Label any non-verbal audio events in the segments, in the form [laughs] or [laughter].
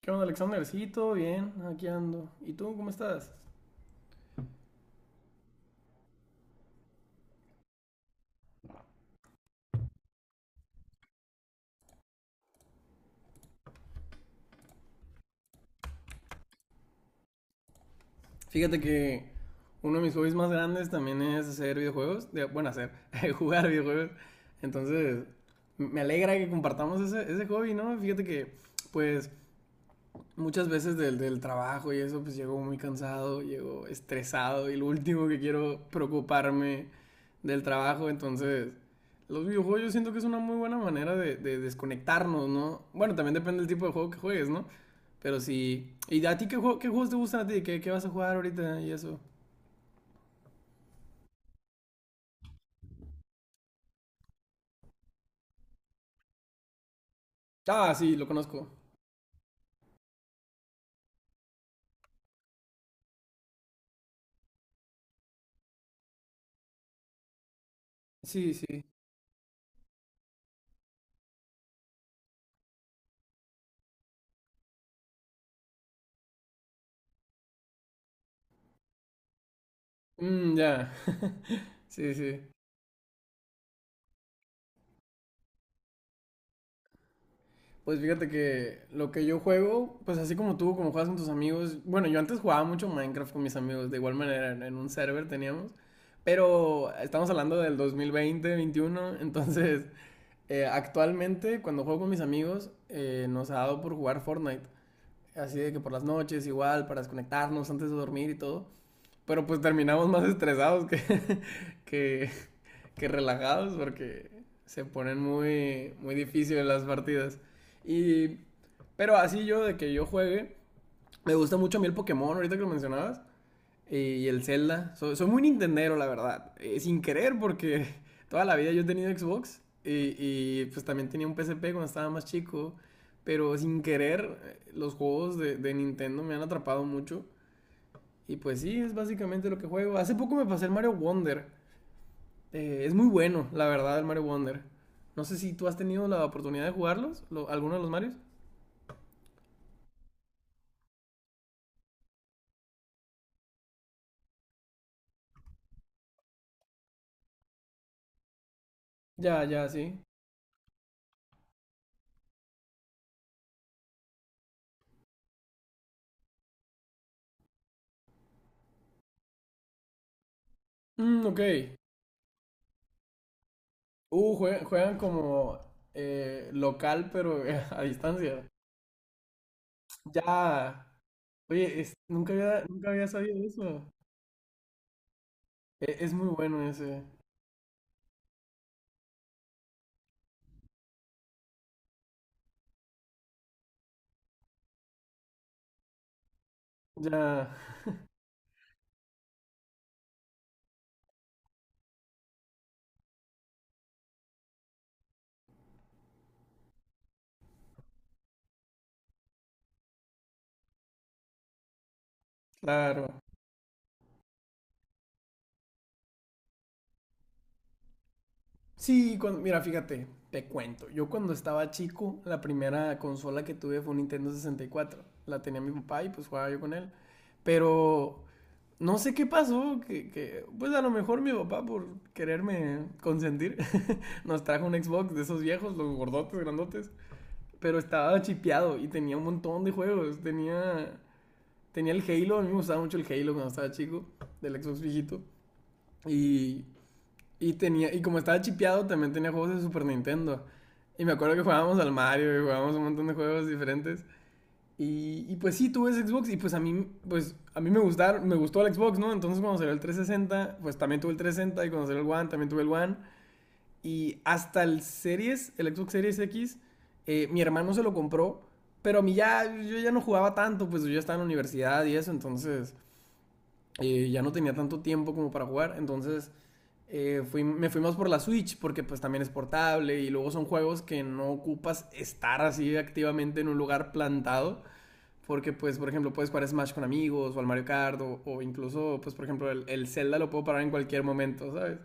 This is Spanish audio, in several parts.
¿Qué onda, Alexander? Sí, todo bien, aquí ando. ¿Y tú, cómo estás? Fíjate que uno de mis hobbies más grandes también es hacer videojuegos. Hacer, [laughs] jugar videojuegos. Entonces, me alegra que compartamos ese hobby, ¿no? Fíjate que, pues, muchas veces del trabajo y eso, pues llego muy cansado, llego estresado y lo último que quiero preocuparme del trabajo. Entonces, los videojuegos yo siento que es una muy buena manera de desconectarnos, ¿no? Bueno, también depende del tipo de juego que juegues, ¿no? Pero sí. ¿Y a ti qué, qué juegos te gustan a ti? ¿Qué, qué vas a jugar ahorita y eso? Ah, sí, lo conozco. Sí, sí. Mm, ya. Sí, sí. Pues fíjate que lo que yo juego, pues así como tú, como juegas con tus amigos. Bueno, yo antes jugaba mucho Minecraft con mis amigos, de igual manera, en un server teníamos. Pero estamos hablando del 2020, 2021, [laughs] entonces actualmente cuando juego con mis amigos nos ha dado por jugar Fortnite. Así de que por las noches igual, para desconectarnos antes de dormir y todo. Pero pues terminamos más estresados [laughs] que, que relajados porque se ponen muy, muy difíciles las partidas. Y, pero así yo, de que yo juegue, me gusta mucho a mí el Pokémon, ahorita que lo mencionabas, y el Zelda. Soy muy Nintendero, la verdad. Sin querer, porque [laughs] toda la vida yo he tenido Xbox y pues también tenía un PSP cuando estaba más chico. Pero sin querer, los juegos de Nintendo me han atrapado mucho. Y pues sí, es básicamente lo que juego. Hace poco me pasé el Mario Wonder. Es muy bueno, la verdad, el Mario Wonder. No sé si tú has tenido la oportunidad de jugarlos, alguno de los Marios. Ya, ya, sí. Mm, ok. Juegan como local, pero [laughs] a distancia. Ya. Oye, nunca había, nunca había sabido eso. Es muy bueno ese. Ya, claro. Sí, mira, fíjate, te cuento. Yo cuando estaba chico, la primera consola que tuve fue un Nintendo 64. La tenía mi papá y pues jugaba yo con él. Pero no sé qué pasó, pues a lo mejor mi papá por quererme consentir [laughs] nos trajo un Xbox de esos viejos, los gordotes, grandotes, pero estaba chipeado y tenía un montón de juegos. Tenía el Halo, a mí me gustaba mucho el Halo cuando estaba chico, del Xbox viejito, y, y tenía, y como estaba chipeado también tenía juegos de Super Nintendo, y me acuerdo que jugábamos al Mario y jugábamos un montón de juegos diferentes. Pues sí, tuve Xbox y pues a mí gustaron, me gustó el Xbox, ¿no? Entonces cuando salió el 360, pues también tuve el 360 y cuando salió el One también tuve el One. Y hasta el Series, el Xbox Series X, mi hermano se lo compró, pero a mí ya, yo ya no jugaba tanto, pues yo ya estaba en la universidad y eso. Entonces, ya no tenía tanto tiempo como para jugar. Entonces, me fuimos por la Switch porque pues también es portable y luego son juegos que no ocupas estar así activamente en un lugar plantado, porque, pues, por ejemplo, puedes jugar Smash con amigos o al Mario Kart, o incluso, pues, por ejemplo, Zelda lo puedo parar en cualquier momento, ¿sabes?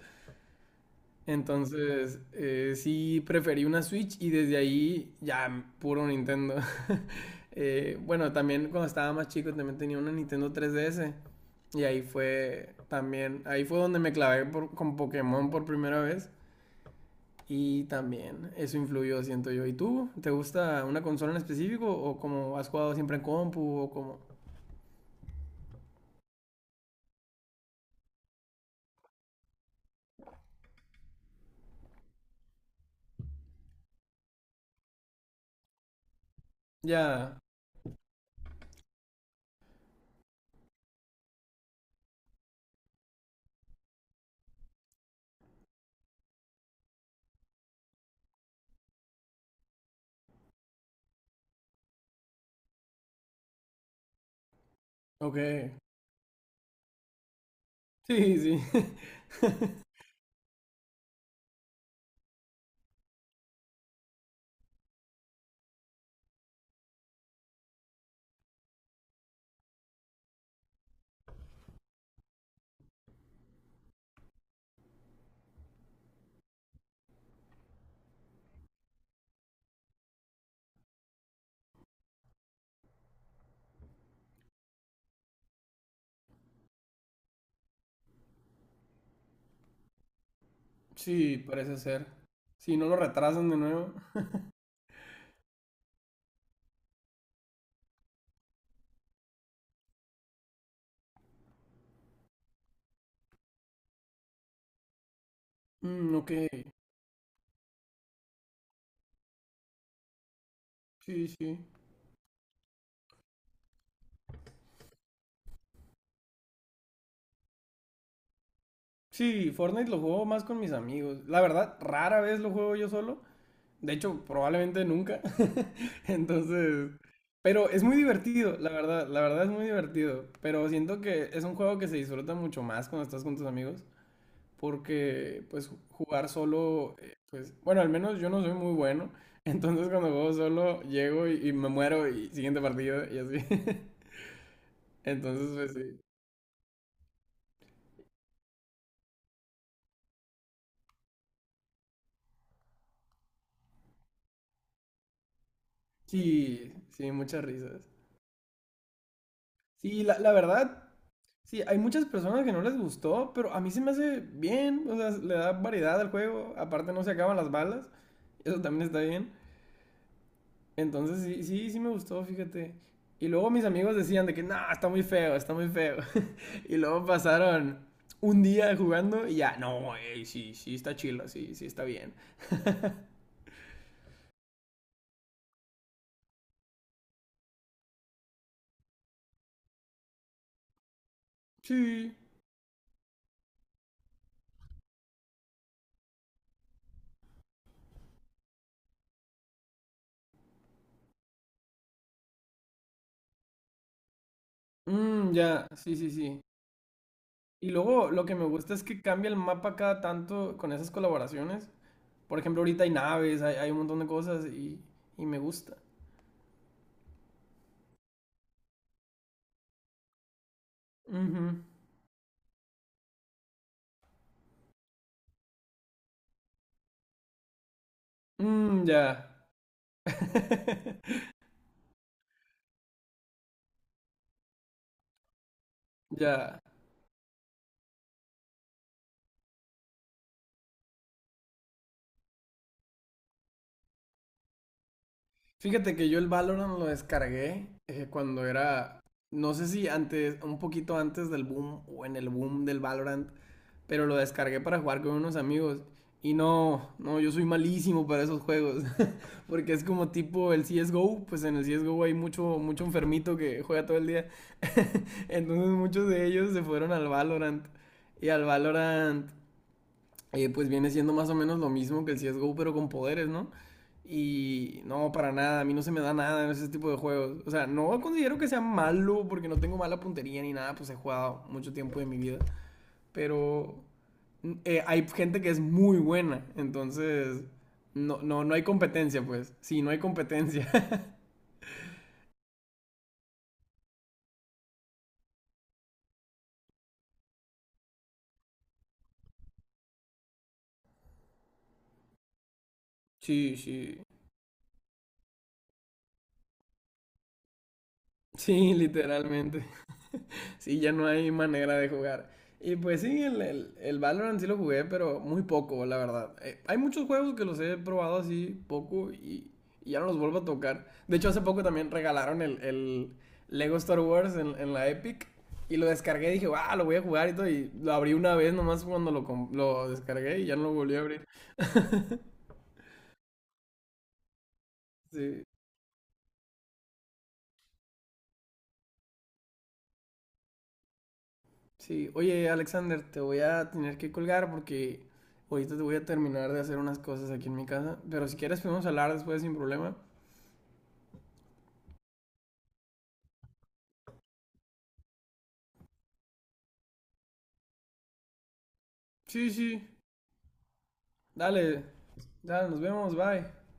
Entonces, sí preferí una Switch y desde ahí ya puro Nintendo. [laughs] Bueno, También cuando estaba más chico también tenía una Nintendo 3DS. Y ahí fue también, ahí fue donde me clavé por, con Pokémon por primera vez. Y también eso influyó, siento yo. ¿Y tú? ¿Te gusta una consola en específico o como has jugado siempre en compu o como... Ya, ok. Sí, sí. [laughs] Sí, parece ser. Si no lo retrasan de nuevo. Mm, ok. Sí, sí. Sí, Fortnite lo juego más con mis amigos. La verdad, rara vez lo juego yo solo. De hecho, probablemente nunca. [laughs] Entonces, pero es muy divertido, la verdad es muy divertido. Pero siento que es un juego que se disfruta mucho más cuando estás con tus amigos, porque pues jugar solo, pues bueno, al menos yo no soy muy bueno. [laughs] Entonces cuando juego solo llego y me muero y siguiente partido y así. [laughs] Entonces, pues sí, sí, sí, muchas risas. Sí, la verdad, sí, hay muchas personas que no les gustó, pero a mí se me hace bien, o sea, le da variedad al juego, aparte no se acaban las balas, eso también está bien. Entonces, sí, sí, sí me gustó, fíjate. Y luego mis amigos decían de que, no, está muy feo, está muy feo. Y luego pasaron un día jugando y ya, no, ey, sí, sí, está chila, sí, sí, está bien. [laughs] sí, mm, ya, sí, sí, sí. Y luego lo que me gusta es que cambia el mapa cada tanto con esas colaboraciones. Por ejemplo, ahorita hay naves, hay un montón de cosas y me gusta. Ujú. Mm, ya. [laughs] Ya. Fíjate que yo el Valorant lo descargué cuando era, no sé si antes, un poquito antes del boom o en el boom del Valorant. Pero lo descargué para jugar con unos amigos. Y no, no, yo soy malísimo para esos juegos. [laughs] Porque es como tipo el CSGO. Pues en el CSGO hay mucho, mucho enfermito que juega todo el día. Entonces muchos de ellos se fueron al Valorant. Y al Valorant, pues viene siendo más o menos lo mismo que el CSGO, pero con poderes, ¿no? Y no, para nada, a mí no se me da nada en ese tipo de juegos. O sea, no considero que sea malo porque no tengo mala puntería ni nada, pues he jugado mucho tiempo de mi vida. Pero hay gente que es muy buena, entonces no, no, no hay competencia, pues. Sí, no hay competencia. [laughs] sí, sí. Sí, literalmente. Sí, ya no hay manera de jugar. Y pues sí, el Valorant sí lo jugué, pero muy poco, la verdad. Hay muchos juegos que los he probado así poco y ya no los vuelvo a tocar. De hecho, hace poco también regalaron el Lego Star Wars en la Epic. Y lo descargué y dije, ah, lo voy a jugar y todo. Y lo abrí una vez nomás cuando lo descargué y ya no lo volví a abrir. [laughs] Sí. Sí, oye Alexander, te voy a tener que colgar porque ahorita te voy a terminar de hacer unas cosas aquí en mi casa, pero si quieres podemos hablar después sin problema. Sí, sí, dale, dale, nos vemos, bye.